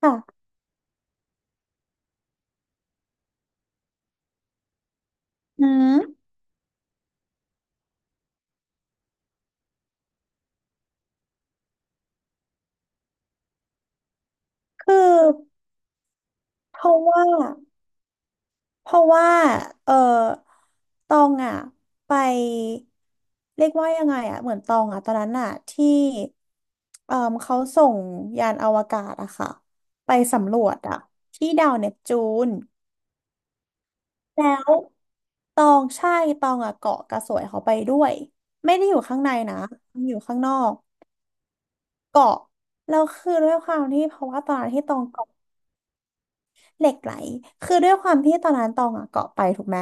ค่ะอืมคือเพราะว่า เพราะว่าเออตองอ่ะไปเรียกว่ายังไงอ่ะ เหมือนตองอ่ะตอนนั้นอ่ะที่เออเขาส่งยานอวกาศอะค่ะไปสำรวจอะที่ดาวเนปจูนแล้วตองใช่ ตองอ่ะเกาะกระสวยเขาไปด้วย ไม่ได้อยู่ข้างในนะอยู่ข้างนอกเกาะแล้วคือด้วยความที่เพราะว่าตอนนั้นที่ตอง เหล็กไหลคือด้วยความที่ตอนนั้นตองอ่ะเกาะไปถูกไหม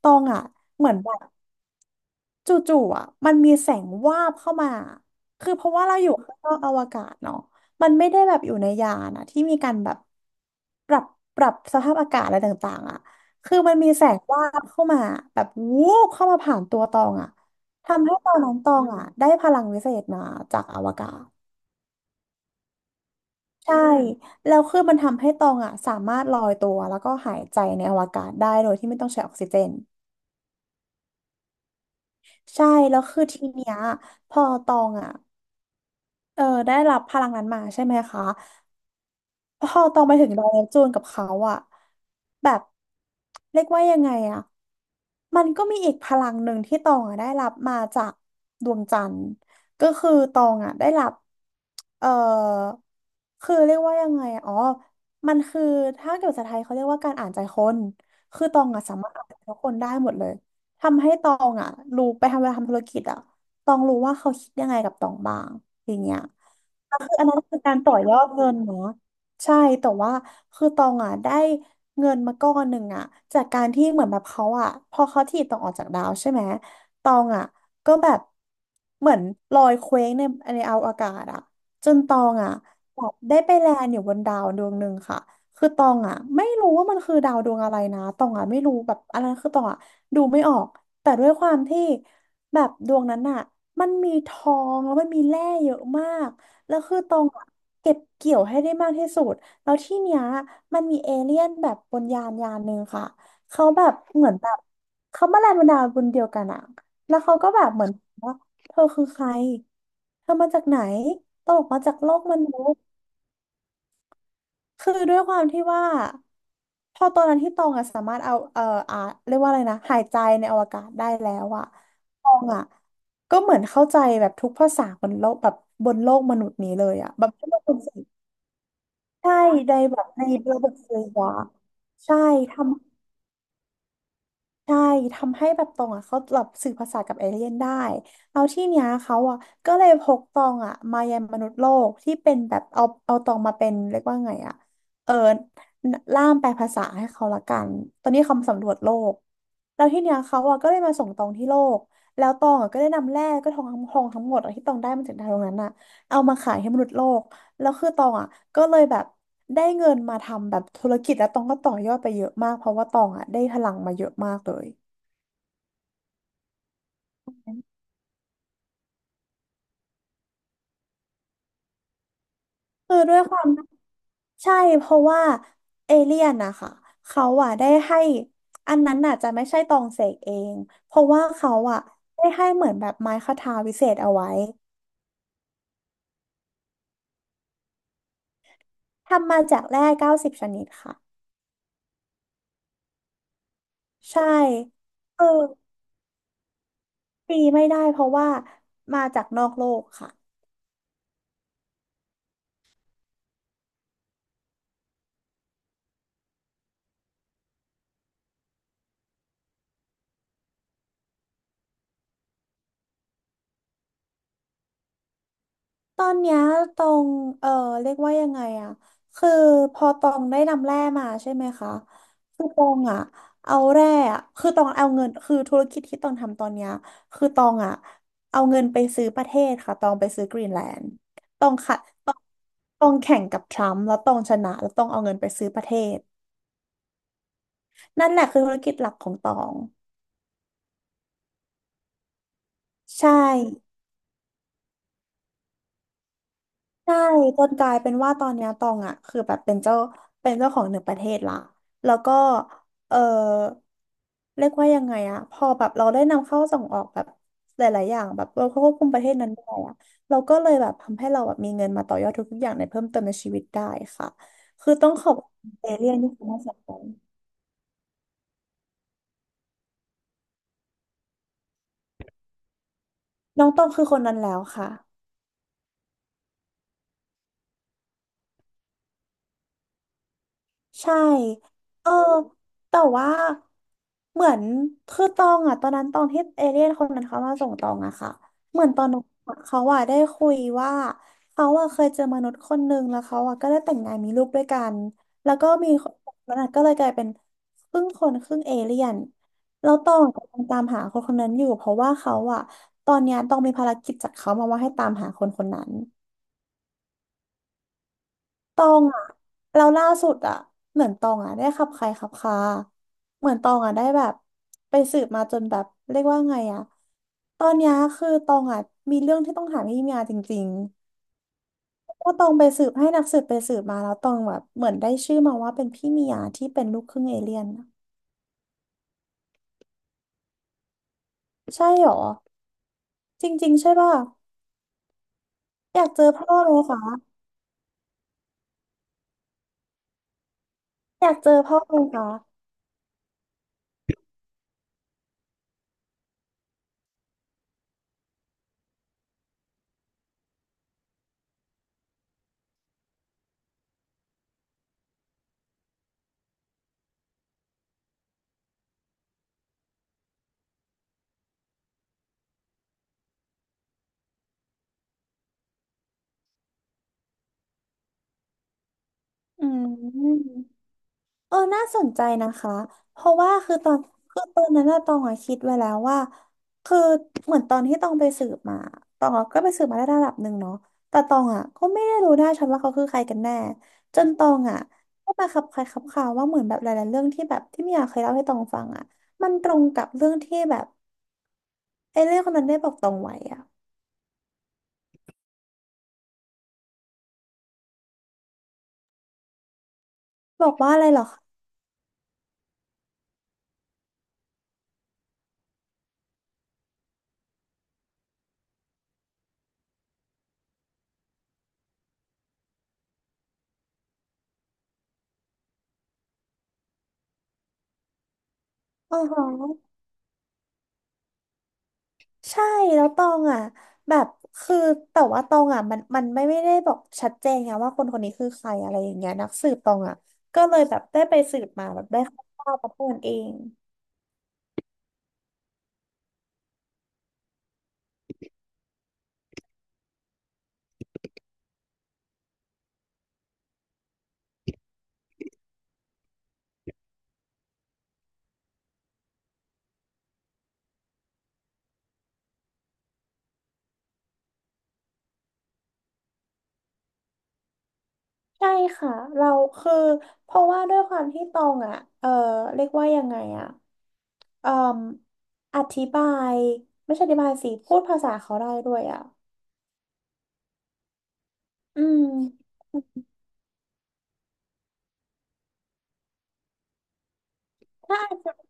ตองอ่ะเหมือนแบบจู่ๆอ่ะมันมีแสงวาบเข้ามาคือเพราะว่าเราอยู่ข้างนอกอวกาศเนาะมันไม่ได้แบบอยู่ในยานอ่ะที่มีการแบบปรับปรับสภาพอากาศอะไรต่างๆอ่ะคือมันมีแสงวาบเข้ามาแบบวูบเข้ามาผ่านตัวตองอ่ะทำให้ตอนนั้นตองอ่ะได้พลังวิเศษมาจากอวกาศ ใช่แล้วคือมันทำให้ตองอ่ะสามารถลอยตัวแล้วก็หายใจในอวกาศได้โดยที่ไม่ต้องใช้ออกซิเจนใช่แล้วคือทีเนี้ยพอตองอ่ะได้รับพลังนั้นมาใช่ไหมคะ พอตองไปถึงดอยปจูนกับเขาอะแบบเรียกว่ายังไงอะมันก็มีอีกพลังหนึ่งที่ตองอะได้รับมาจากดวงจันทร์ก็คือตองอะได้รับเอ่อคือเรียกว่ายังไงอะอ๋อมันคือถ้าเกิดภาษาไทยเขาเรียกว่าการอ่านใจคนคือตองอะสามารถอ่านใจคนได้หมดเลยทำให้ตองอะรู้ไปทำเวลาทำธุรกิจอะตองรู้ว่าเขาคิดยังไงกับตองบ้างอย่างเงี้ย คืออันนั้นคือการต่อยอดเงินเนาะใช่แต่ว่าคือตองอ่ะได้เงินมาก้อนหนึ่งอ่ะจากการที่เหมือนแบบเขาอ่ะพอเขาถีบตองออกจากดาวใช่ไหมตองอ่ะก็แบบเหมือนลอยเคว้งในอวกาศอ่ะจนตองอ่ะแบบได้ไปแลนด์อยู่บนดาวดวงหนึ่งค่ะคือตองอ่ะไม่รู้ว่ามันคือดาวดวงอะไรนะตองอ่ะไม่รู้แบบอะไรคือตองอ่ะดูไม่ออกแต่ด้วยความที่แบบดวงนั้นอ่ะมันมีทองแล้วมันมีแร่เยอะมาก แล้วคือตองอะเก็บเกี่ยวให้ได้มากที่สุดแล้วที่เนี้ยมันมีเอเลี่ยนแบบบนยานหนึ่งค่ะเขาแบบเหมือนแบบเขามาแรงบันดาลบุญเดียวกันอะแล้วเขาก็แบบเหมือนว่าเธอคือใครเธอมาจากไหนตองบอกมาจากโลกมนุษย์คือด้วยความที่ว่า พอตอนนั้นที่ตองอะสามารถเอาอ่าเรียกว่าอะไรนะหายใจในอวกาศได้แล้วอะตองอะก็เหมือนเข้าใจแบบทุกภาษาบนโลกแบบบนโลกมนุษย์นี้เลยอะแบบไม่ต้องสนใจ ใช่ในแบบในระบบสื่ออะใช่ทำใช่ทำให้แบบตองอ่ะเขาแบบสื่อภาษากับเอเลี่ยนได้เอาที่เนี้ยเขาอ่ะก็เลยพกตองอ่ะมายังมนุษย์โลกที่เป็นแบบเอาตองมาเป็นเรียกว่าไงอ่ะเออล่ามแปลภาษาให้เขาละกันตอนนี้เขาสำรวจโลกแล้วที่เนี้ยเขาอ่ะก็เลยมาส่งตองที่โลกแล้วตองอ่ะก็ได้นำแร่ก็ทองคำทองทั้งหมดอะที่ตองได้มาจากดาวดวงนั้นอ่ะเอามาขายให้มนุษย์โลก แล้วคือตองอ่ะก็เลยแบบได้เงินมาทำแบบธุรกิจแล้วตองก็ต่อยอดไปเยอะมากเพราะว่าตองอ่ะได้พลังมาเยอะมากเลยคือด้วยความใช่เพราะว่าเอเลี่ยนนะคะเขาอ่ะได้ให้อันนั้นน่ะจะไม่ใช่ตองเสกเองเพราะว่าเขาอ่ะได้ให้เหมือนแบบไม้คทาวิเศษเอาไว้ทำมาจากแร่90ชนิดค่ะใช่เออตีไม่ได้เพราะว่ามาจากนอกโลกค่ะ ตอนเนี้ยตองเออเรียกว่ายังไงอะคือพอตองได้นำแร่มาใช่ไหมคะคือตองอะเอาแร่อะคือตองเอาเงินคือธุรกิจที่ตองทำตอนเนี้ยคือตองอะเอาเงินไปซื้อประเทศค่ะตองไปซื้อกรีนแลนด์ตองขัดตองตองแข่งกับทรัมป์แล้วตองชนะแล้วตองเอาเงินไปซื้อประเทศนั่นแหละคือธุรกิจหลักของตองใช่ ใช่จนกลายเป็นว่าตอนเนี้ยตองอ่ะคือแบบเป็นเจ้าของหนึ่งประเทศละแล้วก็เออเรียกว่ายังไงอ่ะพอแบบเราได้นำเข้าส่งออกแบบหลายๆอย่างแบบเราควบคุมประเทศนั้นได้อ่ะเราก็เลยแบบทำให้เราแบบมีเงินมาต่อยอดทุกๆอย่างในเพิ่มเติมในชีวิตได้ค่ะ คือต้องขอบคุณเอเลี่ยนที่คุณให้สอนน้องตองคือคนนั้นแล้วค่ะ ใช่ เออแต่ว่าเหมือนคือตองอะตอนนั้นตองที่เอเลี่ยนคนนั้นเขามาส่งตองอะค่ะเหมือนตอนนั้นเขาอะได้คุยว่าเขาอะเคยเจอมนุษย์คนหนึ่งแล้วเขาอะก็ได้แต่งงานมีลูกด้วยกันแล้วก็มีคนคนนั้นก็เลยกลายเป็นครึ่งคนครึ่งเอเลี่ยนแล้วตองกำลังตามหาคนคนนั้นอยู่เพราะว่าเขาอะตอนเนี้ยตองมีภารกิจจากเขามาว่าให้ตามหาคนคนนั้น ตองอ่ะเราล่าสุดอ่ะเหมือนตองอ่ะได้ขับใครขับคาเหมือนตองอ่ะได้แบบไปสืบมาจนแบบเรียกว่าไงอ่ะตอนเนี้ยคือตองอ่ะมีเรื่องที่ต้องถามพี่มียาจริงๆว่าตองไปสืบให้นักสืบไปสืบมาแล้วตองแบบเหมือนได้ชื่อมาว่าเป็นพี่มียาที่เป็นลูกครึ่งเอเลี่ยนอะใช่หรอจริงๆใช่ป่ะอยากเจอพ่อเลยค่ะอยากเจอพ่อเลยค่ะอืม น่าสนใจนะคะ เพราะว่าคือตอนคือตอนนั้นอะตองอะคิดไว้แล้วว่าคือเหมือนตอนที่ตองไปสืบมาตองอะก็ไปสืบมาได้ระดับหนึ่งเนาะแต่ตองอะก็ไม่ได้รู้ได้ชัดว่าเขาคือใครกันแน่จนตองอะก็มาคับใครคับข่าวว่าเหมือนแบบหลายๆเรื่องที่แบบที่เมียเคยเล่าให้ตองฟังอะมันตรงกับเรื่องที่แบบไอ้เรื่องคนนั้นได้บอกตองไว้อะบอกว่าอะไรเหรอคะอ๋อ ใช่แล้วตองอ่ะแบบคือแต่ว่าตองอ่ะมันไม่ได้บอกชัดเจนไงว่าคนคนนี้คือใครอะไรอย่างเงี้ยนักสืบตองอ่ะก็เลยแบบได้ไปสืบมาแบบได้คร่าวๆประเทศเองใช่ค่ะเราคือเพราะว่าด้วยความที่ตองอ่ะเออเรียกว่ายังไงอ่ะเอ่ออธิบายไม่ใช่อธิบายสิพูดภาษาเขาได้ด้วยอ่ะอืมถ้า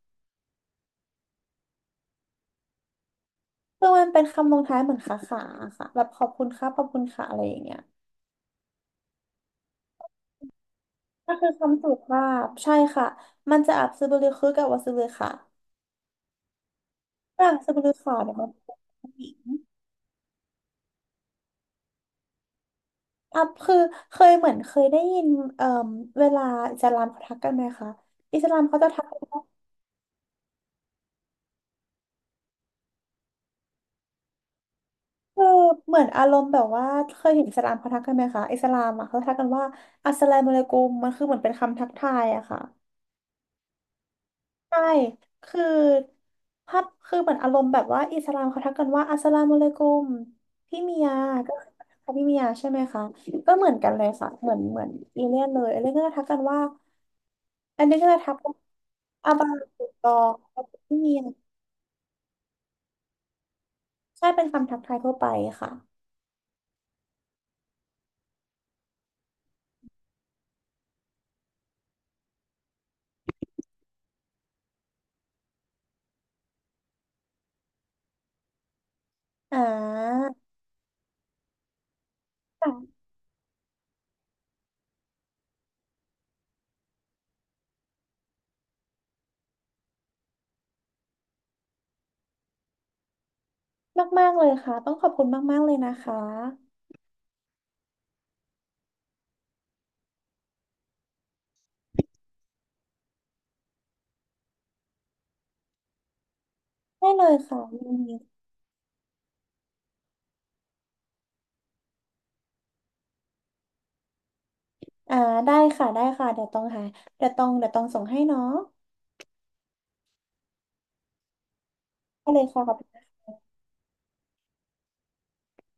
คือมันเป็นคำลงท้ายเหมือนขาขาค่ะแบบขอบคุณครับขอบคุณค่ะอะไรอย่างเงี้ย ก็คือคำสุภาพใช่ค่ะ มันจะอับซึบุลือคือกับวาซึบุลือค่ะฝรั่งซึบุลือค่ะเนี่ยมันเป็นผู้หญิงอับคือเคยเหมือนเคยได้ยินเอ่มเวลาอิสลามเขาทักกันไหมคะอิสลามเขาจะทักกันว่าคือเหมือนอารมณ์แบบว่าเคยเห็นอิสลามเขาทักกันไหมคะอิสลามอ่ะเขาทักกันว่าอัสสลามุอะลัยกุมมันคือเหมือนเป็นคำทักทายอะค่ะ ใช่คือภาพคือเหมือนอารมณ์แบบว่าอิสลามเขาทักกันว่าอัสสลามุอะลัยกุมพี่เมียก็ค่ะพี่เมียใช่ไหมคะก็เหมือนกันเลยค่ะเหมือนอีเลียนเลยอีเลียนก็จะทักกันว่าอันนี้ก็จะทักว่าอาบาตุตองพี่เมียใช่เป็นคำทักทายทั่วไปค่ะอ่าค่ะมากๆเลยค่ะต้องขอบคุณมากๆเลยนะคะได้เลยค่ะมีอ่าได้ค่ะได้ค่ะเดี๋ยวต้องหาเดี๋ยวต้องส่งให้เนาะได้เลยค่ะ